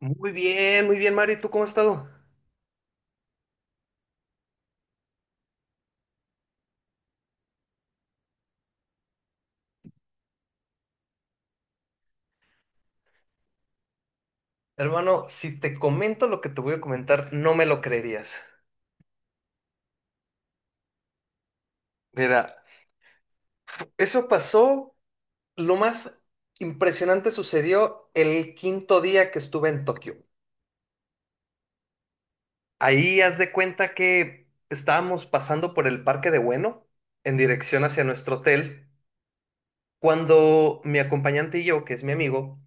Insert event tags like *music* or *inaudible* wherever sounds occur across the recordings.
Muy bien, Mario. ¿Y tú cómo has estado? Hermano, si te comento lo que te voy a comentar, no me lo creerías. Mira, eso pasó, lo más impresionante sucedió el quinto día que estuve en Tokio. Ahí haz de cuenta que estábamos pasando por el Parque de Bueno en dirección hacia nuestro hotel, cuando mi acompañante y yo, que es mi amigo,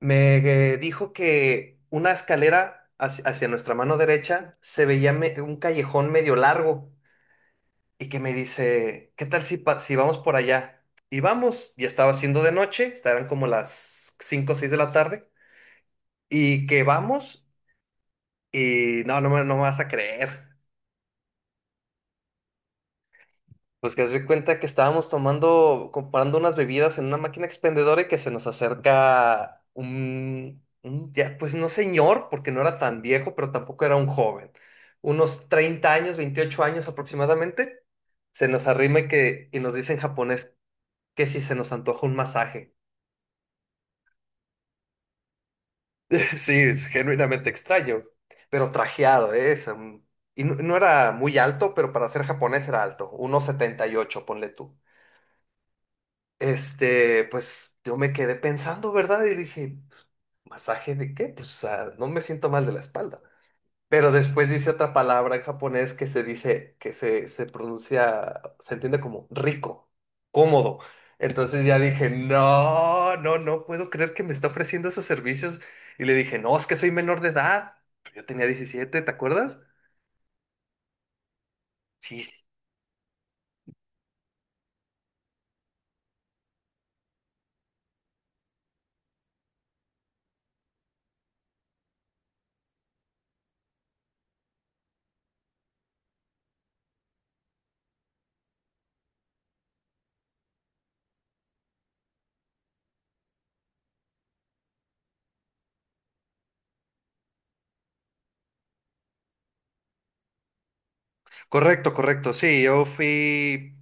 me dijo que una escalera hacia nuestra mano derecha se veía un callejón medio largo, y que me dice, ¿qué tal si vamos por allá? Y vamos, ya estaba haciendo de noche, estarán como las 5 o 6 de la tarde, y que vamos, y no, no me vas a creer. Pues que se dio cuenta que estábamos tomando, comprando unas bebidas en una máquina expendedora y que se nos acerca un ya, pues no señor, porque no era tan viejo, pero tampoco era un joven. Unos 30 años, 28 años aproximadamente, se nos arrima y que, y nos dice en japonés que si se nos antoja un masaje. *laughs* Sí, es genuinamente extraño, pero trajeado, ¿eh? Y no era muy alto, pero para ser japonés era alto, 1.78 ponle tú. Este, pues yo me quedé pensando, ¿verdad? Y dije, ¿masaje de qué? Pues o sea, no me siento mal de la espalda. Pero después dice otra palabra en japonés que se dice, que se pronuncia, se entiende como rico, cómodo. Entonces ya dije, no, no, no puedo creer que me está ofreciendo esos servicios. Y le dije, no, es que soy menor de edad. Pues yo tenía 17, ¿te acuerdas? Sí, sí. Correcto, correcto. Sí, yo fui,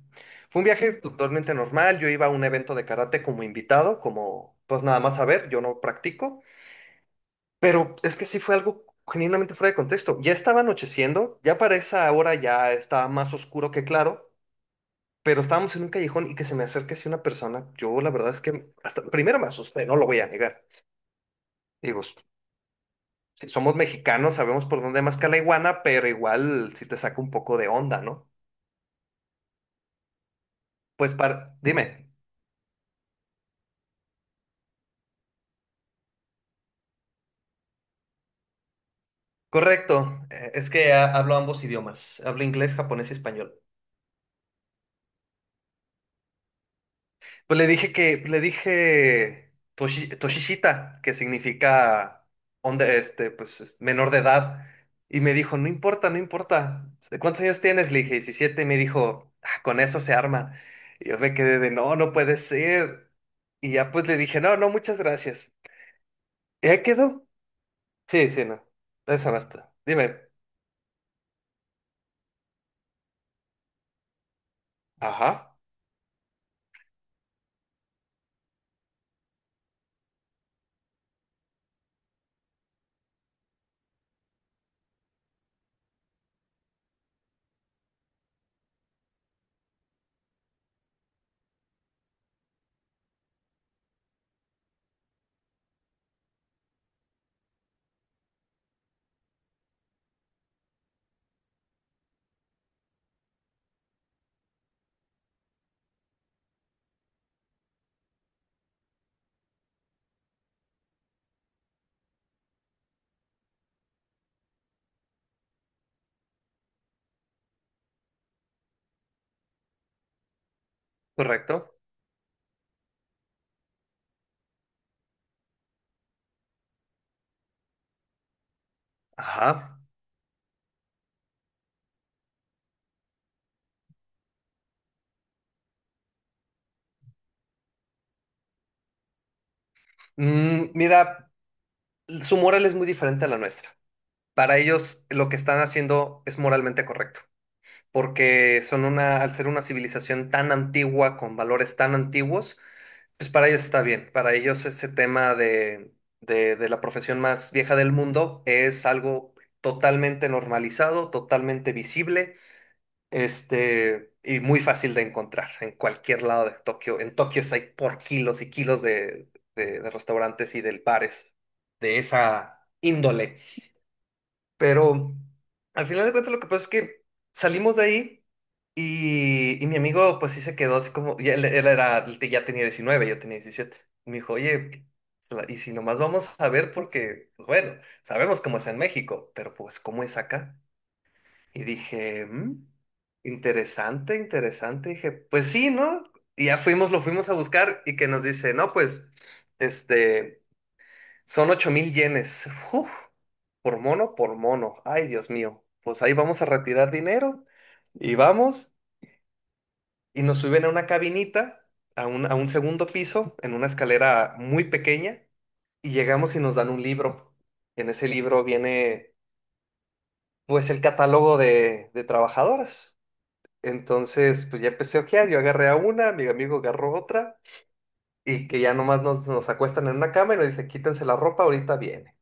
fue un viaje totalmente normal. Yo iba a un evento de karate como invitado, como, pues nada más a ver, yo no practico. Pero es que sí fue algo genuinamente fuera de contexto. Ya estaba anocheciendo, ya para esa hora ya estaba más oscuro que claro, pero estábamos en un callejón y que se me acerque así una persona. Yo la verdad es que hasta primero me asusté, no lo voy a negar. Digo, si somos mexicanos, sabemos por dónde más que la iguana, pero igual si te saca un poco de onda, ¿no? Pues dime, correcto, es que hablo ambos idiomas, hablo inglés, japonés y español. Pues le dije que, le dije Toshishita, que significa onda- este, pues, es- menor de edad. Y me dijo, no importa, no importa. ¿De cuántos años tienes? Le dije, 17. Y me dijo, "Ah, con eso se arma." Y yo me quedé de, no, no puede ser. Y ya pues le dije, no, no, muchas gracias. ¿Y ahí quedó? Sí, sí, no. Eso no está. Dime. Ajá, correcto. Ajá. Mm, mira, su moral es muy diferente a la nuestra. Para ellos lo que están haciendo es moralmente correcto, porque son una, al ser una civilización tan antigua, con valores tan antiguos, pues para ellos está bien. Para ellos ese tema de la profesión más vieja del mundo es algo totalmente normalizado, totalmente visible, este, y muy fácil de encontrar en cualquier lado de Tokio. En Tokio hay por kilos y kilos de restaurantes y de bares de esa índole. Pero al final de cuentas lo que pasa es que salimos de ahí y mi amigo pues sí se quedó así como, y él era, él te- ya tenía 19, yo tenía 17. Me dijo, oye, pues, y si nomás vamos a ver porque, pues bueno, sabemos cómo es en México, pero pues cómo es acá. Y dije, "Mm, interesante, interesante." Dije, pues sí, ¿no? Y ya fuimos, lo fuimos a buscar y que nos dice, no, pues, este... Son 8,000 yenes. Uf, por mono, por mono. Ay, Dios mío. Pues ahí vamos a retirar dinero y vamos y nos suben a una cabinita, a un segundo piso, en una escalera muy pequeña y llegamos y nos dan un libro. En ese libro viene pues el catálogo de trabajadoras. Entonces, pues ya empecé a ojear, yo agarré a una, mi amigo agarró otra y que ya nomás nos, nos acuestan en una cama y nos dice, quítense la ropa, ahorita viene.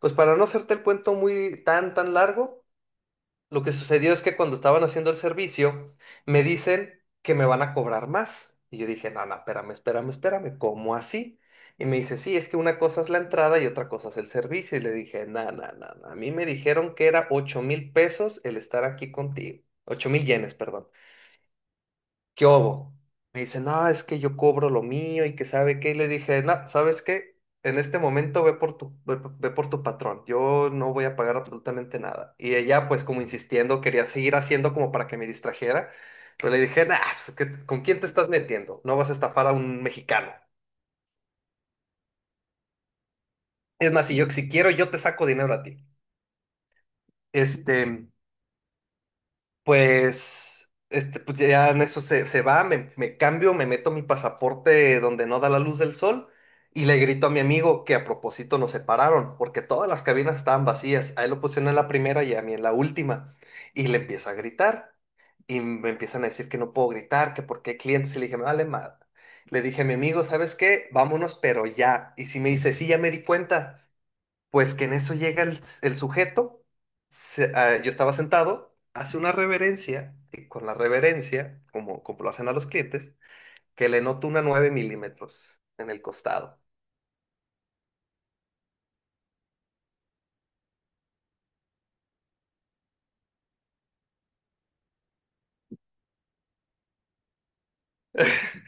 Pues para no hacerte el cuento muy tan, tan largo, lo que sucedió es que cuando estaban haciendo el servicio, me dicen que me van a cobrar más. Y yo dije, no, no, espérame, espérame, espérame, ¿cómo así? Y me dice, sí, es que una cosa es la entrada y otra cosa es el servicio. Y le dije, no, no, no, no, a mí me dijeron que era 8,000 pesos el estar aquí contigo. 8,000 yenes, perdón. ¿Qué hubo? Me dice, no, es que yo cobro lo mío y que sabe qué. Y le dije, no, ¿sabes qué? En este momento ve por tu patrón, yo no voy a pagar absolutamente nada. Y ella, pues como insistiendo, quería seguir haciendo como para que me distrajera, pero le dije, nah, pues, ¿qué- ¿con quién te estás metiendo? No vas a estafar a un mexicano. Es más, si yo, si quiero, yo te saco dinero a ti. Este, pues, este, pues ya en eso se va, me cambio, me, meto mi pasaporte donde no da la luz del sol y le grito a mi amigo que a propósito nos separaron porque todas las cabinas estaban vacías. A él lo pusieron en la primera y a mí en la última. Y le empiezo a gritar y me empiezan a decir que no puedo gritar, que porque hay clientes. Y le dije, me vale madre. Le dije a mi amigo, ¿sabes qué? Vámonos, pero ya. Y si me dice, sí, ya me di cuenta. Pues que en eso llega el sujeto, yo estaba sentado, hace una reverencia, y con la reverencia, como lo hacen a los clientes, que le noto una 9 mm en el costado. *laughs*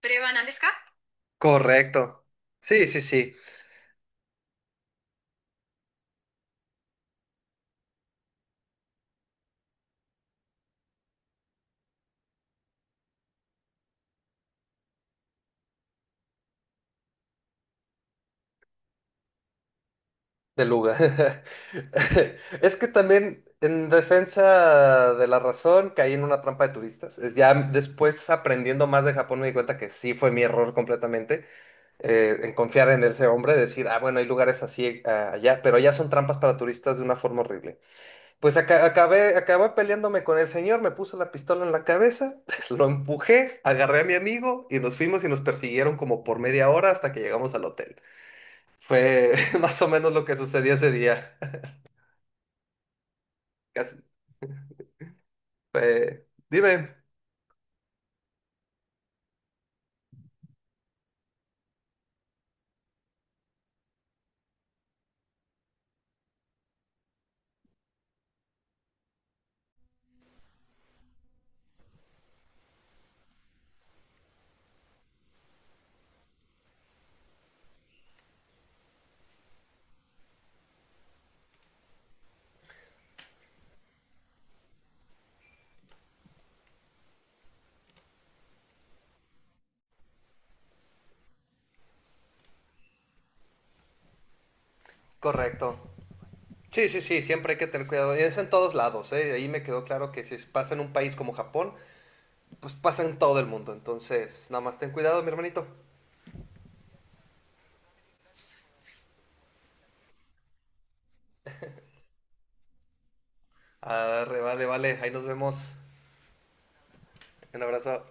¿Prevan deska? Correcto. Sí, sí, sí, de Luga. *laughs* Es que también en defensa de la razón caí en una trampa de turistas. Es ya después, aprendiendo más de Japón, me di cuenta que sí fue mi error completamente, en confiar en ese hombre, decir, ah, bueno, hay lugares así ah, allá, pero allá son trampas para turistas de una forma horrible. Pues acabé peleándome con el señor, me puso la pistola en la cabeza, *laughs* lo empujé, agarré a mi amigo y nos fuimos y nos persiguieron como por media hora hasta que llegamos al hotel. Fue *laughs* más o menos lo que sucedió ese día. *laughs* Casi- fue- Dime. Correcto. Sí, sí, sí, siempre hay que tener cuidado. Y es en todos lados, ¿eh? Ahí me quedó claro que si pasa en un país como Japón, pues pasa en todo el mundo. Entonces, nada más ten cuidado, mi hermanito. Arre, vale, vale. Ahí nos vemos. Un abrazo.